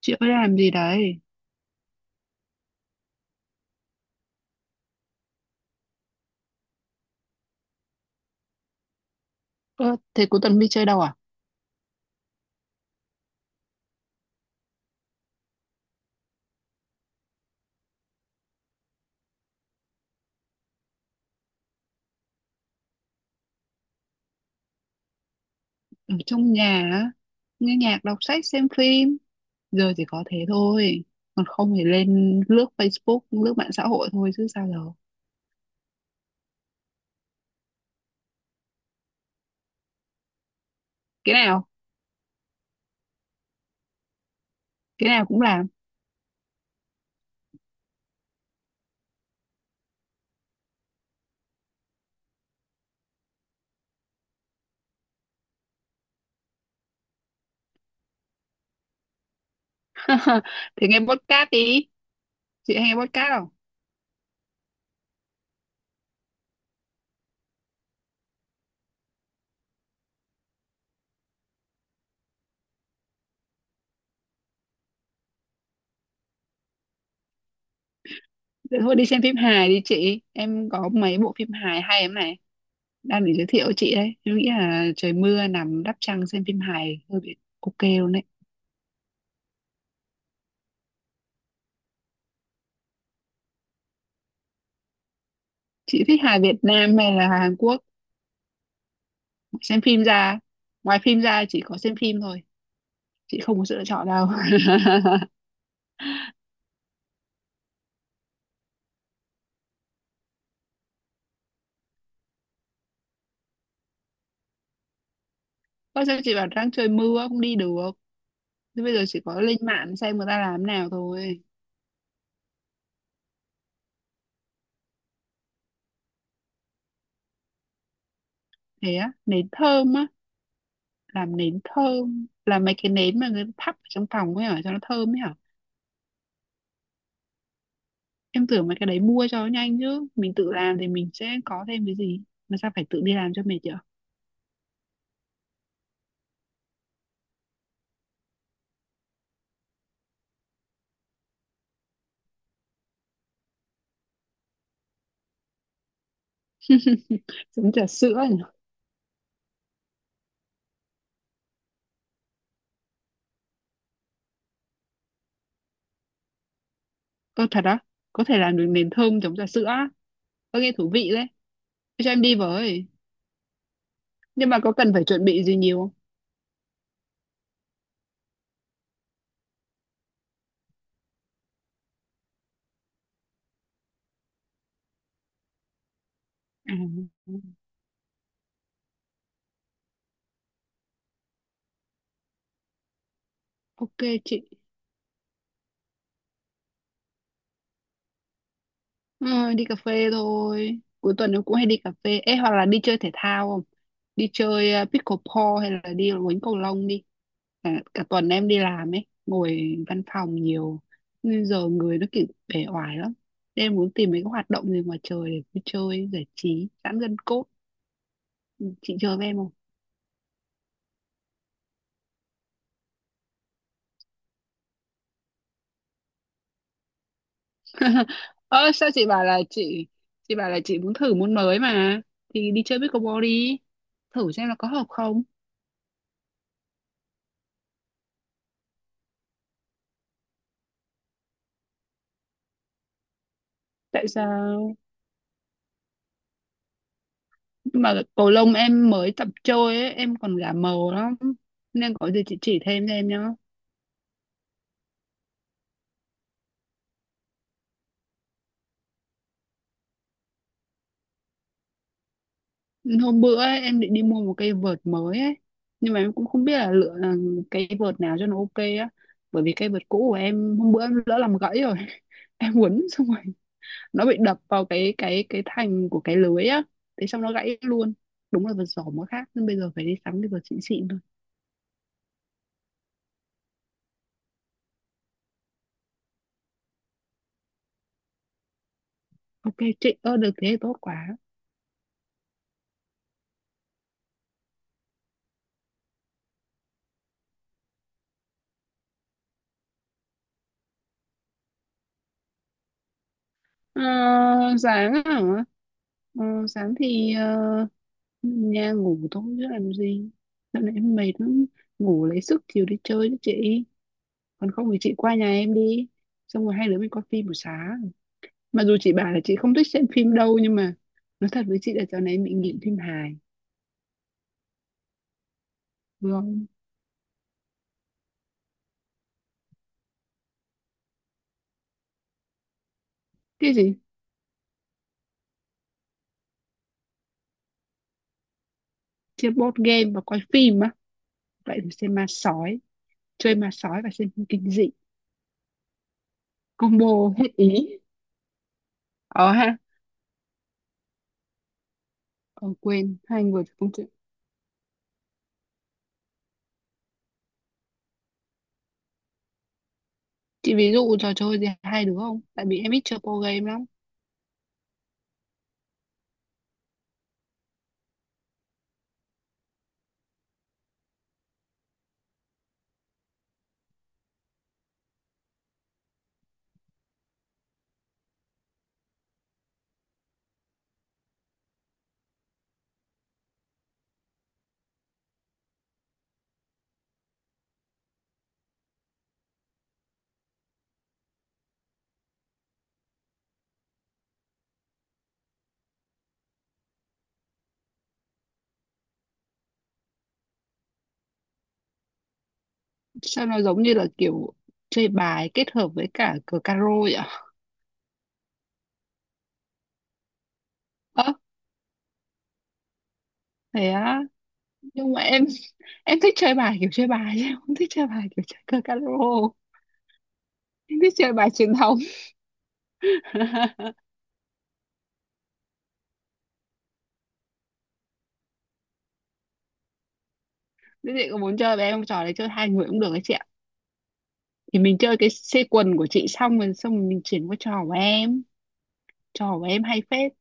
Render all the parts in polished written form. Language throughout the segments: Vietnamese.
Chị mới làm gì đấy? Ơ, thế cuối tuần đi chơi đâu à? Ở trong nhà, á, nghe nhạc, đọc sách, xem phim. Giờ chỉ có thế thôi. Còn không thì lên lướt Facebook, lướt mạng xã hội thôi chứ sao giờ. Cái nào, cái nào cũng làm. Thì nghe podcast đi. Chị hay nghe podcast không? Thế thôi đi xem phim hài đi chị. Em có mấy bộ phim hài hay lắm này. Đang để giới thiệu chị đấy. Em nghĩ là trời mưa nằm đắp chăn xem phim hài hơi bị ok luôn đấy. Chị thích hài Việt Nam hay là Hàn Quốc? Xem phim ra, ngoài phim ra chỉ có xem phim thôi, chị không có sự lựa chọn đâu. Có sao, chị bảo đang trời mưa không đi được, thế bây giờ chỉ có lên mạng xem người ta làm nào thôi. Thế á, nến thơm á? Làm nến thơm, làm mấy cái nến mà người ta thắp ở trong phòng ấy hả, cho nó thơm ấy hả? Em tưởng mấy cái đấy mua cho nó nhanh chứ, mình tự làm thì mình sẽ có thêm cái gì mà sao phải tự đi làm cho mệt chứ. Giống trà sữa nhỉ. Có thật á? Có thể làm được nến thơm giống trà sữa á? Có nghe thú vị đấy. Thế cho em đi với. Nhưng mà có cần phải chuẩn bị gì nhiều không? À, ok chị. Ờ, đi cà phê thôi. Cuối tuần nó cũng hay đi cà phê. Ê, hoặc là đi chơi thể thao không? Đi chơi pickleball hay là đi đánh cầu lông đi. Cả tuần em đi làm ấy. Ngồi văn phòng nhiều. Nên giờ người nó kiểu bể oải lắm. Nên em muốn tìm mấy cái hoạt động gì ngoài trời để đi chơi, giải trí, giãn gân cốt. Chị chơi với em không? Ơ sao chị bảo là chị bảo là chị muốn thử môn mới mà, thì đi chơi pickleball đi, thử xem là có hợp không. Tại sao? Mà cầu lông em mới tập chơi ấy, em còn gà màu lắm, nên có gì chị chỉ thêm cho em nhá. Hôm bữa ấy, em định đi mua một cây vợt mới ấy, nhưng mà em cũng không biết là lựa cây vợt nào cho nó ok á, bởi vì cây vợt cũ của em hôm bữa em lỡ làm gãy rồi. Em quấn xong rồi, nó bị đập vào cái thành của cái lưới á, thế xong nó gãy luôn. Đúng là vật giỏ mới khác, nhưng bây giờ phải đi sắm cái vật xịn xịn thôi. Ok chị, ơ được, thế thì tốt quá. Ờ, sáng hả? Ờ, sáng thì nhà ngủ thôi chứ làm gì. Dạo này em mệt lắm, ngủ lấy sức chiều đi chơi chứ chị. Còn không thì chị qua nhà em đi, xong rồi hai đứa mình coi phim buổi sáng. Mặc dù chị bảo là chị không thích xem phim đâu, nhưng mà nói thật với chị là dạo này em bị nghiện phim hài. Vâng. Cái gì? Chơi board game và coi phim á? Vậy thì xem ma sói, chơi ma sói và xem phim kinh dị. Combo hết ý. Ờ ha, ờ quên, hai người thì không chơi. Chị ví dụ trò chơi gì hai đứa không, tại vì em ít chơi board game lắm. Sao nó giống như là kiểu chơi bài kết hợp với cả cờ caro vậy ạ? Ơ, thế á? Nhưng mà em thích chơi bài kiểu chơi bài, chứ em không thích chơi bài kiểu chơi cờ caro. Em thích chơi bài truyền thống. Thế chị có muốn chơi với em không? Trò đấy chơi hai người cũng được ấy chị ạ. Thì mình chơi cái xê quần của chị, xong rồi mình chuyển qua trò của em. Trò của em hay phết.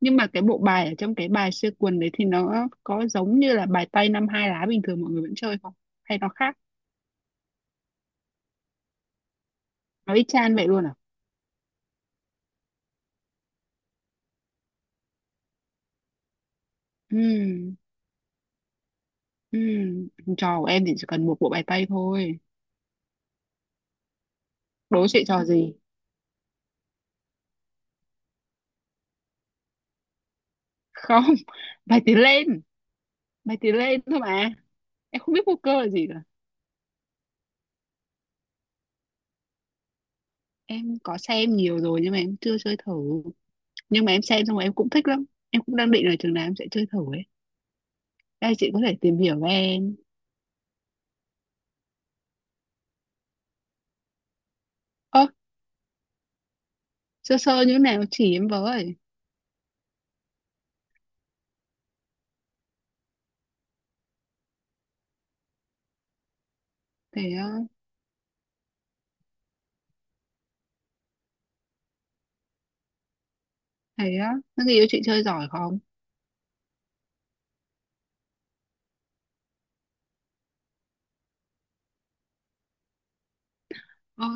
Nhưng mà cái bộ bài ở trong cái bài xê quần đấy thì nó có giống như là bài tây năm hai lá bình thường mọi người vẫn chơi không, hay nó khác? Nó y chang vậy luôn à? Ừ ừ Trò của em thì chỉ cần một bộ bài tây thôi. Đố chị trò gì. Không. Bài tiến lên, bài tiến lên thôi mà. Em không biết poker là gì cả. Em có xem nhiều rồi nhưng mà em chưa chơi thử. Nhưng mà em xem xong rồi em cũng thích lắm, em cũng đang định là chừng nào em sẽ chơi thử ấy. Ê, chị có thể tìm hiểu về em. Ơ, sơ sơ như thế nào chỉ em với. Thế á, nó người yêu chị chơi giỏi không? Ơ,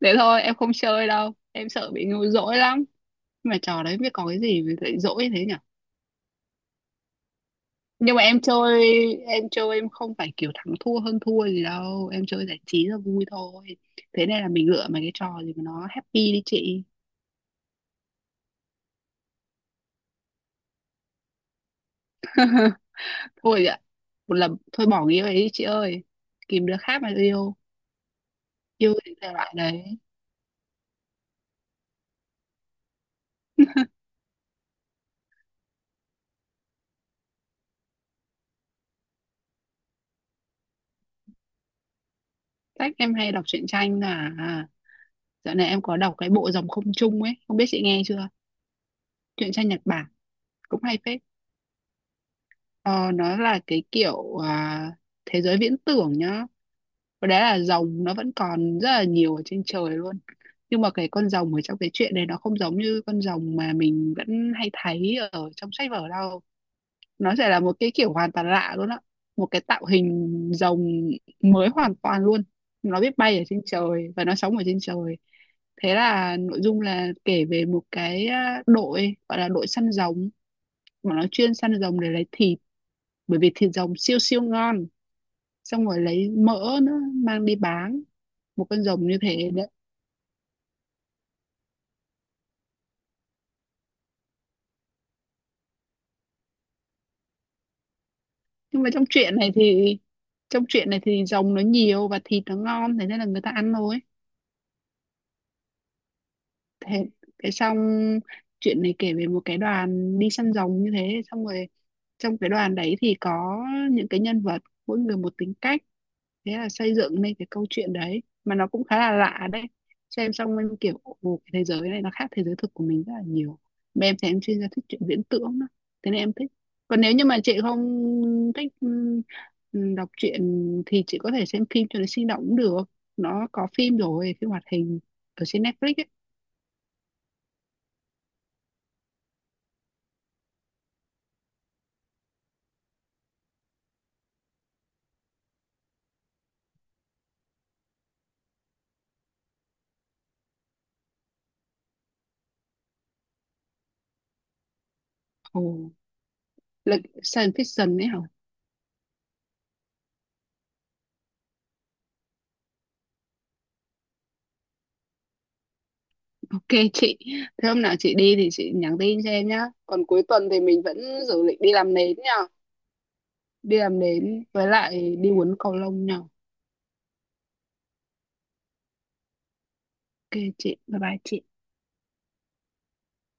thế thôi, em không chơi đâu. Em sợ bị ngu dỗi lắm. Nhưng mà trò đấy biết có cái gì mà lại dỗi thế nhỉ? Nhưng mà em chơi em không phải kiểu thắng thua hơn thua gì đâu. Em chơi giải trí là vui thôi. Thế này là mình lựa mấy cái trò gì mà nó happy đi chị. Thôi ạ, một lần, thôi bỏ nghĩa ấy đi chị ơi, tìm đứa khác mà yêu. Yêu thì thể loại đấy. Sách em hay đọc truyện tranh là dạo này em có đọc cái bộ Dòng không trung ấy, không biết chị nghe chưa? Truyện tranh Nhật Bản cũng hay phết. Ờ, nó là cái kiểu thế giới viễn tưởng nhá. Và đấy là rồng nó vẫn còn rất là nhiều ở trên trời luôn. Nhưng mà cái con rồng ở trong cái chuyện này nó không giống như con rồng mà mình vẫn hay thấy ở trong sách vở đâu. Nó sẽ là một cái kiểu hoàn toàn lạ luôn á, một cái tạo hình rồng mới hoàn toàn luôn. Nó biết bay ở trên trời và nó sống ở trên trời. Thế là nội dung là kể về một cái đội, gọi là đội săn rồng, mà nó chuyên săn rồng để lấy thịt, bởi vì thịt rồng siêu siêu ngon, xong rồi lấy mỡ nữa mang đi bán một con rồng như thế đấy. Nhưng mà trong chuyện này thì rồng nó nhiều và thịt nó ngon thế nên là người ta ăn thôi. Thế, cái xong, chuyện này kể về một cái đoàn đi săn rồng như thế, xong rồi trong cái đoàn đấy thì có những cái nhân vật, mỗi người một tính cách, thế là xây dựng nên cái câu chuyện đấy mà nó cũng khá là lạ đấy. Xem xong em kiểu ồ, cái thế giới này nó khác thế giới thực của mình rất là nhiều, mà em thì em chuyên gia thích chuyện viễn tưởng đó. Thế nên em thích. Còn nếu như mà chị không thích đọc truyện thì chị có thể xem phim cho nó sinh động cũng được, nó có phim rồi phim hoạt hình ở trên Netflix ấy. Ồ. Lịch science fiction ấy hả? Ok chị. Thế hôm nào chị đi thì chị nhắn tin cho em nhá. Còn cuối tuần thì mình vẫn dự định đi làm nến nhá. Đi làm nến với lại đi uống cầu lông nhá. Ok chị. Bye bye chị.